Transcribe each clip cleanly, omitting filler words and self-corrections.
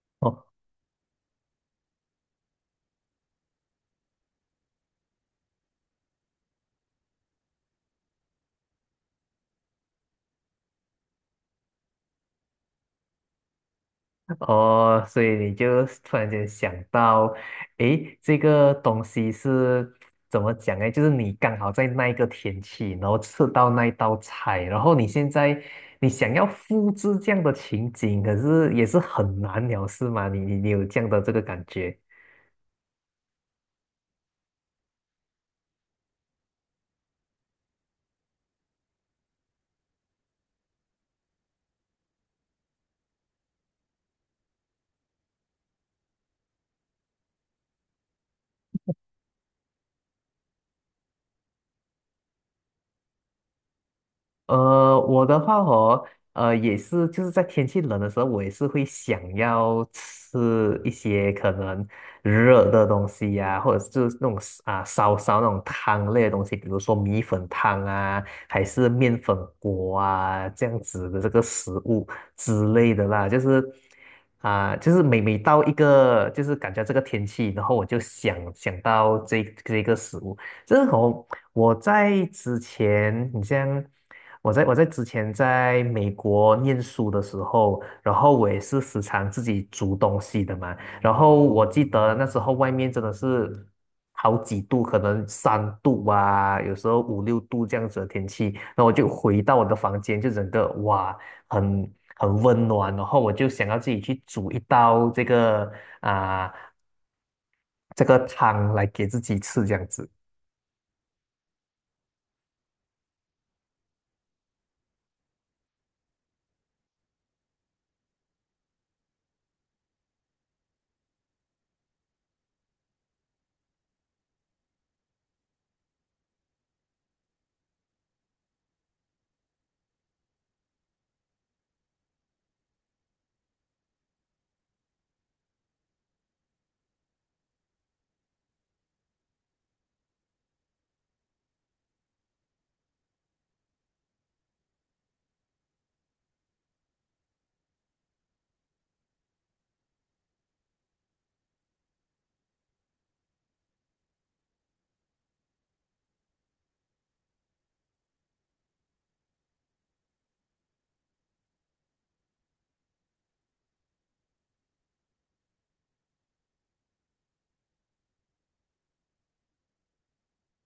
哦哦，所以你就突然间想到，诶，这个东西是怎么讲呢？就是你刚好在那一个天气，然后吃到那一道菜，然后你现在你想要复制这样的情景，可是也是很难了，是吗？你有这样的这个感觉？我的话哦，也是，就是在天气冷的时候，我也是会想要吃一些可能热的东西呀、或者是就是那种烧烧那种汤类的东西，比如说米粉汤啊，还是面粉锅啊这样子的这个食物之类的啦，就是每每到一个就是感觉这个天气，然后我就想到这个食物。这是我在之前，你像我在之前在美国念书的时候，然后我也是时常自己煮东西的嘛。然后我记得那时候外面真的是好几度，可能3度啊，有时候5、6度这样子的天气。那我就回到我的房间，就整个哇，很温暖。然后我就想要自己去煮一道啊、这个汤来给自己吃这样子。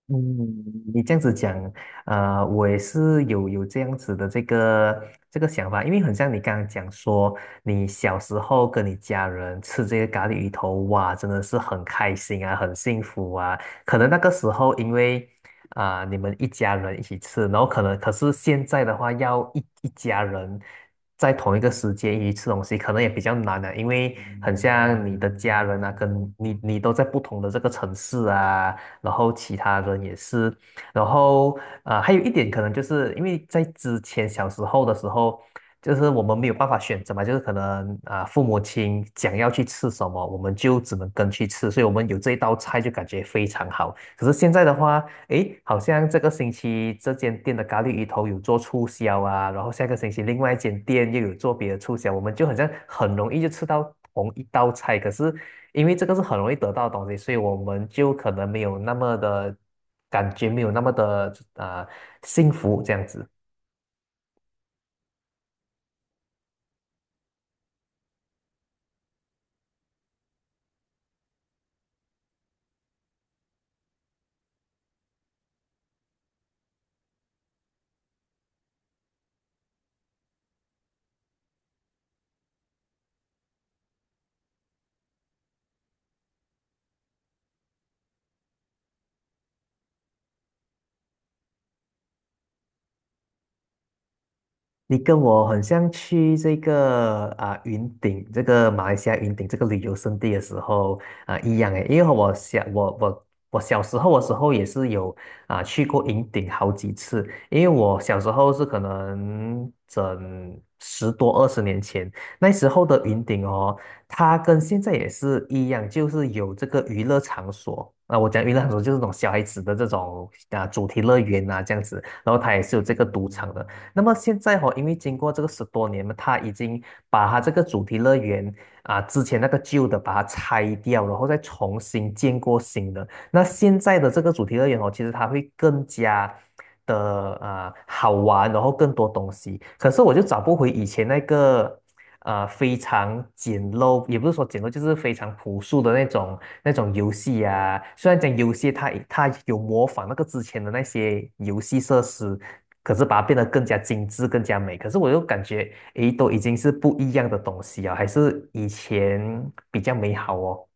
嗯，你这样子讲，我也是有这样子的这个想法，因为很像你刚刚讲说，你小时候跟你家人吃这个咖喱鱼头，哇，真的是很开心啊，很幸福啊。可能那个时候因为你们一家人一起吃，然后可是现在的话，要一家人在同一个时间一起吃东西，可能也比较难了、因为很像你的家人啊，跟你都在不同的这个城市啊。然后其他人也是，然后还有一点可能就是因为在之前小时候的时候，就是我们没有办法选择嘛，就是可能父母亲想要去吃什么，我们就只能跟去吃，所以我们有这一道菜就感觉非常好。可是现在的话，诶，好像这个星期这间店的咖喱鱼头有做促销啊，然后下个星期另外一间店又有做别的促销，我们就好像很容易就吃到同一道菜，可是因为这个是很容易得到的东西，所以我们就可能没有那么的感觉，没有那么的幸福这样子。你跟我很像去这个云顶，这个马来西亚云顶这个旅游胜地的时候一样诶，因为我小时候的时候也是有去过云顶好几次，因为我小时候是可能整10多20年前，那时候的云顶哦，它跟现在也是一样，就是有这个娱乐场所。啊，我讲娱乐场所就是那种小孩子的这种主题乐园啊这样子，然后它也是有这个赌场的。那么现在哦，因为经过这个10多年嘛，他已经把他这个主题乐园之前那个旧的把它拆掉，然后再重新建过新的。那现在的这个主题乐园哦，其实它会更加的好玩，然后更多东西。可是我就找不回以前那个非常简陋，也不是说简陋，就是非常朴素的那种游戏啊。虽然讲游戏它有模仿那个之前的那些游戏设施，可是把它变得更加精致、更加美。可是我又感觉，诶，都已经是不一样的东西啊，还是以前比较美好哦。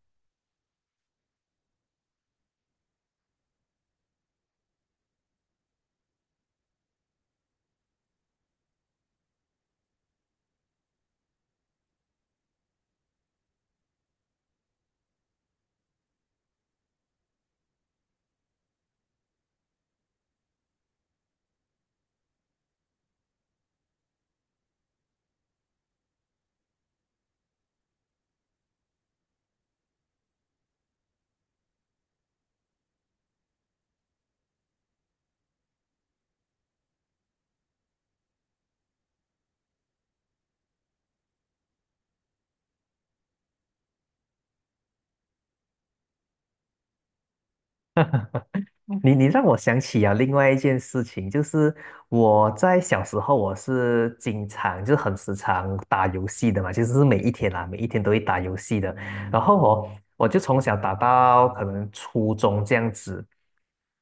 你让我想起啊，另外一件事情，就是我在小时候，我是经常就是很时常打游戏的嘛，其实是每一天啦，每一天都会打游戏的。然后我就从小打到可能初中这样子，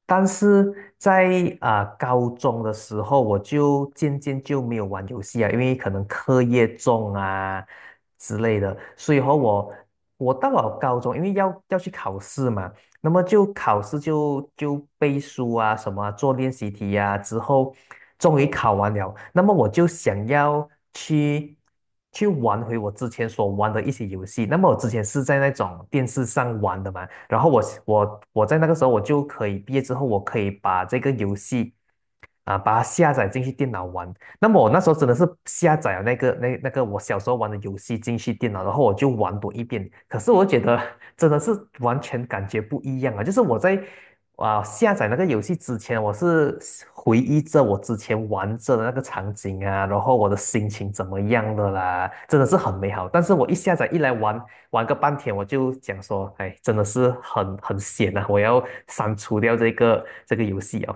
但是在高中的时候，我就渐渐就没有玩游戏啊，因为可能课业重啊之类的，所以和我到了高中，因为要去考试嘛。那么就考试就背书啊，什么啊做练习题呀、之后终于考完了。那么我就想要去去玩回我之前所玩的一些游戏。那么我之前是在那种电视上玩的嘛，然后我在那个时候我就可以毕业之后，我可以把这个游戏啊，把它下载进去电脑玩。那么我那时候真的是下载了那个我小时候玩的游戏进去电脑，然后我就玩多一遍。可是我觉得真的是完全感觉不一样啊！就是我在下载那个游戏之前，我是回忆着我之前玩着的那个场景啊，然后我的心情怎么样的啦，真的是很美好。但是我一下载一来玩玩个半天，我就讲说，哎，真的是很闲啊，我要删除掉这个游戏啊。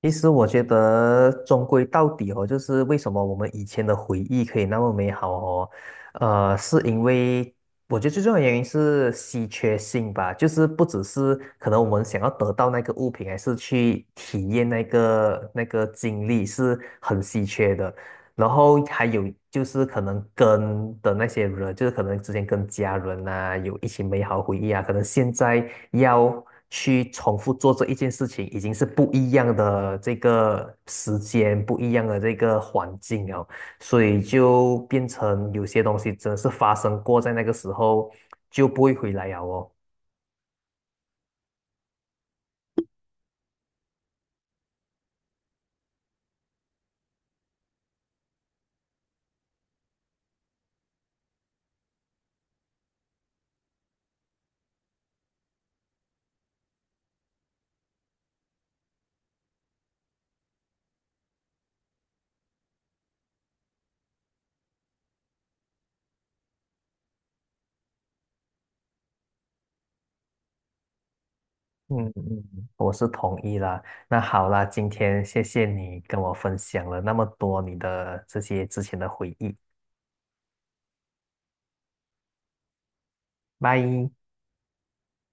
其实我觉得，终归到底哦，就是为什么我们以前的回忆可以那么美好哦，是因为我觉得最重要的原因是稀缺性吧，就是不只是可能我们想要得到那个物品，还是去体验那个经历是很稀缺的。然后还有就是可能跟的那些人，就是可能之前跟家人啊有一起美好回忆啊，可能现在要去重复做这一件事情，已经是不一样的这个时间，不一样的这个环境哦，所以就变成有些东西真的是发生过在那个时候就不会回来了哦。嗯嗯，我是同意啦。那好啦，今天谢谢你跟我分享了那么多你的这些之前的回忆。拜。